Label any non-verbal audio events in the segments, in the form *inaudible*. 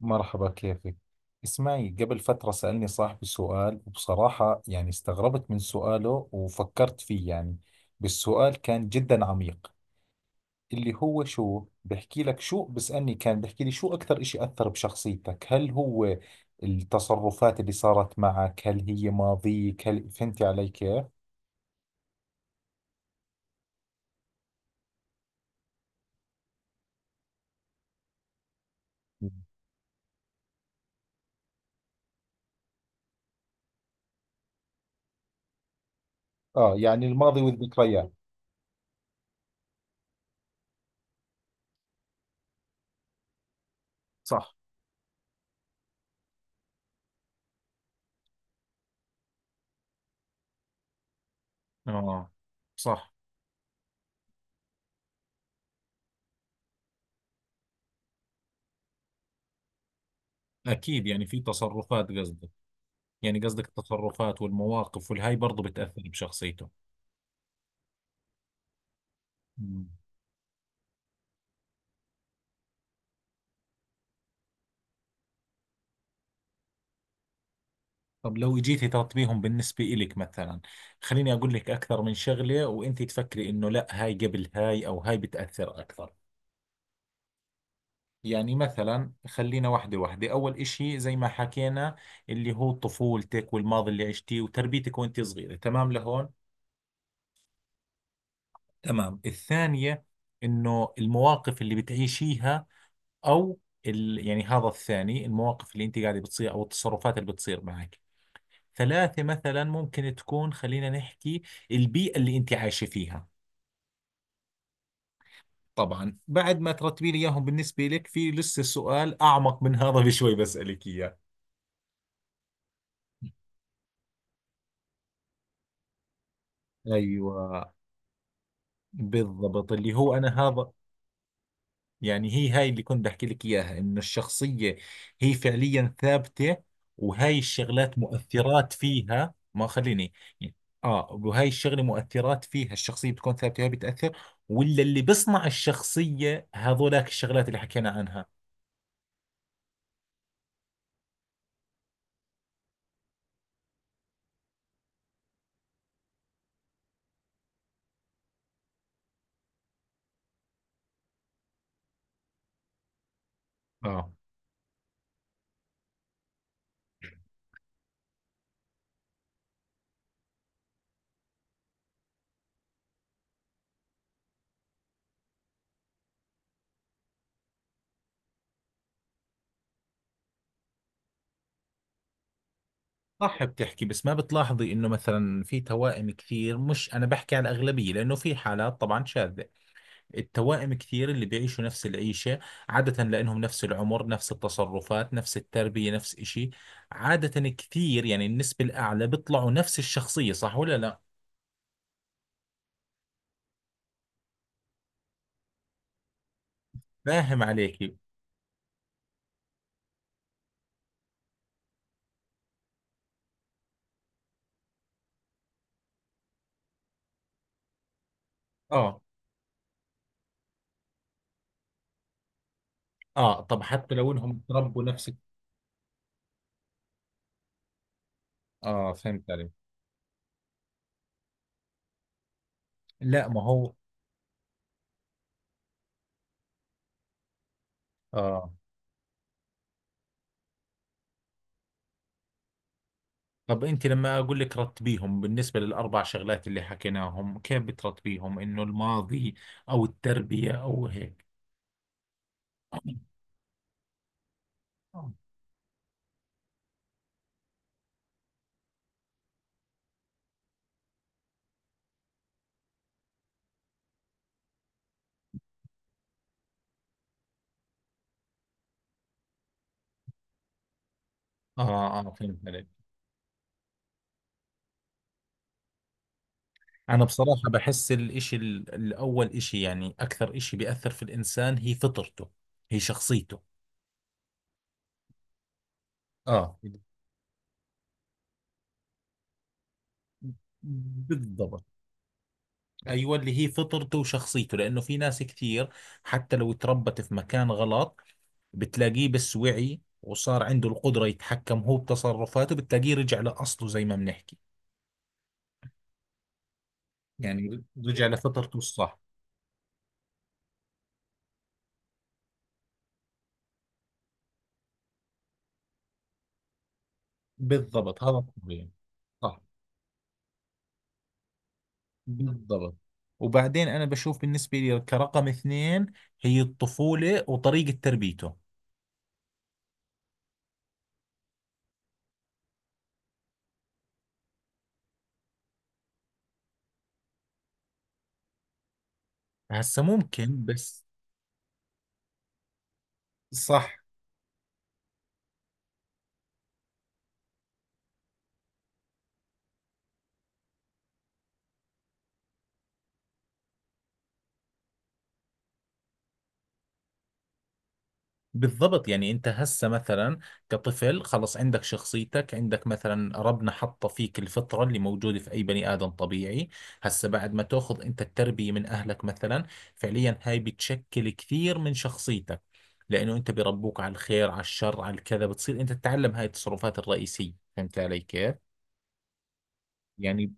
مرحبا، كيفك؟ اسمعي، قبل فترة سألني صاحبي سؤال، وبصراحة يعني استغربت من سؤاله وفكرت فيه. يعني بالسؤال كان جدا عميق. اللي هو شو بحكي لك، شو بسألني، كان بحكي لي شو أكثر إشي أثر بشخصيتك؟ هل هو التصرفات اللي صارت معك؟ هل هي ماضيك؟ هل فهمتي علي كيف؟ آه، يعني الماضي والذكريات. صح. اه. صح. اكيد، يعني في تصرفات قصدك. يعني قصدك التصرفات والمواقف والهاي برضو بتأثر بشخصيته. مم. طب لو اجيتي ترتبيهم بالنسبة إلك مثلا، خليني أقول لك أكثر من شغلة وأنت تفكري إنه لا، هاي قبل هاي، أو هاي بتأثر أكثر. يعني مثلا خلينا واحدة واحدة. أول إشي زي ما حكينا، اللي هو طفولتك والماضي اللي عشتيه وتربيتك وأنت صغيرة، تمام لهون. تمام، الثانية إنه المواقف اللي بتعيشيها، أو يعني هذا الثاني، المواقف اللي أنت قاعدة بتصير، أو التصرفات اللي بتصير معك. ثلاثة مثلا ممكن تكون، خلينا نحكي البيئة اللي أنت عايشة فيها. طبعا بعد ما ترتبي لي إياهم بالنسبة لك، في لسه سؤال أعمق من هذا *laughs* بشوي بسألك إياه. أيوة، بالضبط، اللي هو أنا هذا. يعني هي هاي اللي كنت بحكي لك إياها، إنه الشخصية هي فعليا ثابتة، وهاي الشغلات مؤثرات فيها. ما خليني، آه، وهاي الشغلة مؤثرات فيها، الشخصية بتكون ثابتة، هاي بتأثر، ولا اللي بصنع الشخصية هذولاك الشغلات اللي حكينا عنها؟ اه. صح بتحكي، بس ما بتلاحظي انه مثلا في توائم كثير، مش انا بحكي عن الاغلبيه لانه في حالات طبعا شاذه. التوائم كثير اللي بيعيشوا نفس العيشه عاده، لانهم نفس العمر، نفس التصرفات، نفس التربيه، نفس إشي. عاده كثير يعني النسبه الاعلى بيطلعوا نفس الشخصيه، صح ولا لا؟ فاهم عليكي. اه. اه، طب حتى لو انهم تربوا نفس. اه، فهمت علي. لا، ما هو. اه، طب انت لما اقول لك رتبيهم بالنسبه للاربع شغلات اللي حكيناهم، كيف بترتبيهم؟ انه الماضي، او التربيه، او هيك. اه. اه، فهمت عليك. انا بصراحه بحس الاشي الاول اشي، يعني اكثر اشي بيأثر في الانسان هي فطرته، هي شخصيته. اه، بالضبط. ايوه، اللي هي فطرته وشخصيته. لانه في ناس كثير حتى لو تربت في مكان غلط، بتلاقيه بس وعي وصار عنده القدرة يتحكم هو بتصرفاته، بتلاقيه رجع لأصله زي ما بنحكي. يعني رجع لفطرته الصح. بالضبط، هذا الطبيعي. صح. بالضبط. وبعدين أنا بشوف بالنسبة لي كرقم اثنين هي الطفولة وطريقة تربيته. هسا ممكن بس. صح. بالضبط. يعني انت هسه مثلا كطفل خلص، عندك شخصيتك، عندك مثلا ربنا حط فيك الفطرة اللي موجودة في اي بني ادم طبيعي. هسه بعد ما تاخذ انت التربية من اهلك مثلا، فعليا هاي بتشكل كثير من شخصيتك. لانه انت بربوك على الخير، على الشر، على الكذا، بتصير انت تتعلم هاي التصرفات الرئيسية. فهمت علي كيف؟ يعني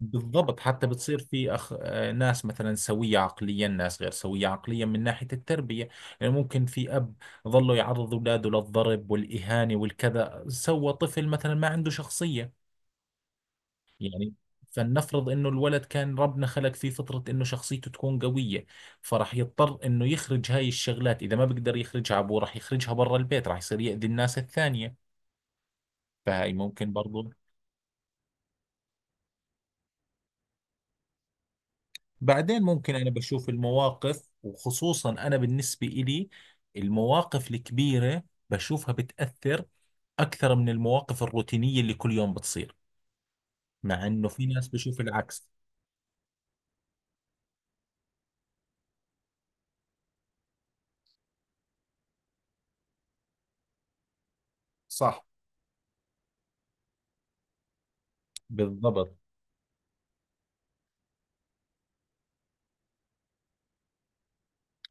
بالضبط. حتى بتصير في أخ... آه، ناس مثلا سوية عقليا، ناس غير سوية عقليا من ناحية التربية. يعني ممكن في أب ظله يعرض أولاده للضرب والإهانة والكذا، سوى طفل مثلا ما عنده شخصية. يعني فلنفرض انه الولد كان ربنا خلق فيه فطرة انه شخصيته تكون قوية، فراح يضطر انه يخرج هاي الشغلات. اذا ما بقدر يخرجها ابوه، راح يخرجها برا البيت، راح يصير يأذي الناس الثانية. فهاي ممكن برضو. بعدين ممكن أنا بشوف المواقف، وخصوصا أنا بالنسبة إلي المواقف الكبيرة بشوفها بتأثر أكثر من المواقف الروتينية اللي كل يوم بتصير، مع إنه في ناس بشوف العكس. صح. بالضبط.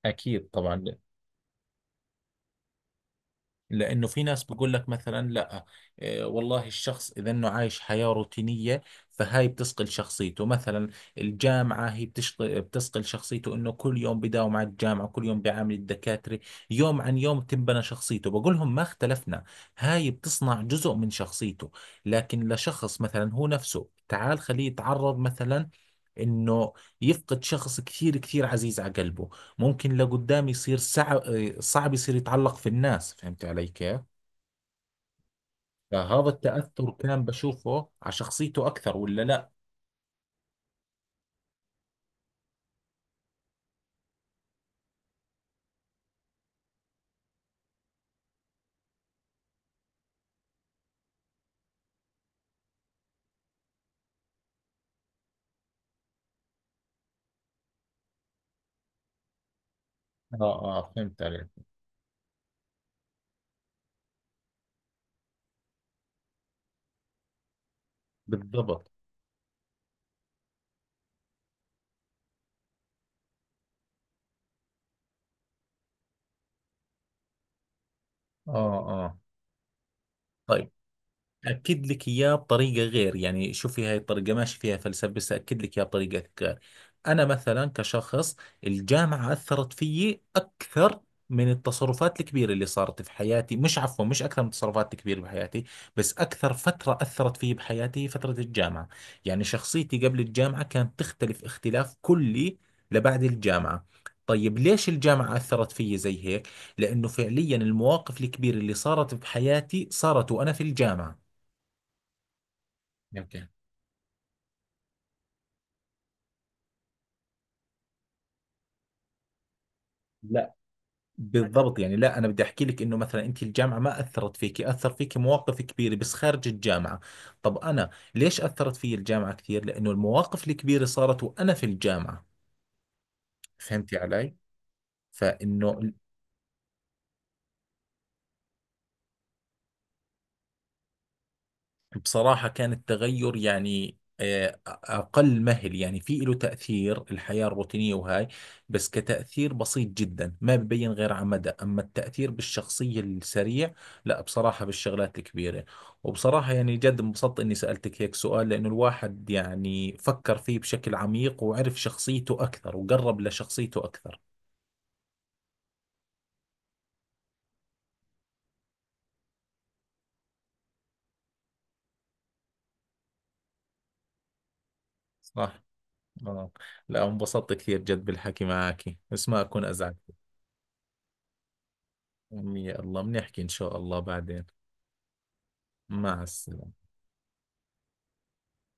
أكيد طبعا. لانه في ناس بقول لك مثلا لا، والله الشخص اذا انه عايش حياة روتينية، فهاي بتثقل شخصيته. مثلا الجامعة هي بتشغل بتثقل شخصيته، انه كل يوم بداوم على الجامعة، كل يوم بيعامل الدكاترة، يوم عن يوم تنبنى شخصيته. بقول لهم ما اختلفنا، هاي بتصنع جزء من شخصيته. لكن لشخص مثلا هو نفسه، تعال خليه يتعرض مثلا انه يفقد شخص كثير كثير عزيز على قلبه، ممكن لقدام يصير صعب، صعب يصير يتعلق في الناس. فهمت علي كيف؟ فهذا التأثر كان بشوفه على شخصيته أكثر ولا لا؟ آه. آه، فهمت عليك. بالضبط. آه. آه. طيب، أكد لك إياه بطريقة غير. يعني شوفي، هاي الطريقة ماشي فيها فلسفة، بس أكد لك إياه بطريقة غير. أنا مثلا كشخص، الجامعة أثرت فيي أكثر من التصرفات الكبيرة اللي صارت في حياتي. مش، عفوا، مش أكثر من التصرفات الكبيرة بحياتي، بس أكثر فترة أثرت فيي بحياتي هي فترة الجامعة. يعني شخصيتي قبل الجامعة كانت تختلف اختلاف كلي لبعد الجامعة. طيب ليش الجامعة أثرت فيي زي هيك؟ لأنه فعليا المواقف الكبيرة اللي صارت بحياتي صارت وأنا في الجامعة. اوكي. لا، بالضبط. يعني لا، انا بدي احكي لك انه مثلا انت الجامعه ما اثرت فيك، اثر فيك مواقف كبيره بس خارج الجامعه. طب انا ليش اثرت في الجامعه كثير؟ لانه المواقف الكبيره صارت وانا في الجامعه. فهمتي علي؟ فانه بصراحة كان التغير يعني أقل مهل. يعني في له تأثير الحياة الروتينية وهاي، بس كتأثير بسيط جدا ما ببين غير على مدى، أما التأثير بالشخصية السريع لا، بصراحة بالشغلات الكبيرة. وبصراحة يعني جد انبسطت إني سألتك هيك سؤال، لأنه الواحد يعني فكر فيه بشكل عميق وعرف شخصيته أكثر وقرب لشخصيته أكثر. صح. آه. لا، انبسطت كثير جد بالحكي معك، بس ما أكون أزعجك. يا الله، بنحكي إن شاء الله بعدين. مع السلامة.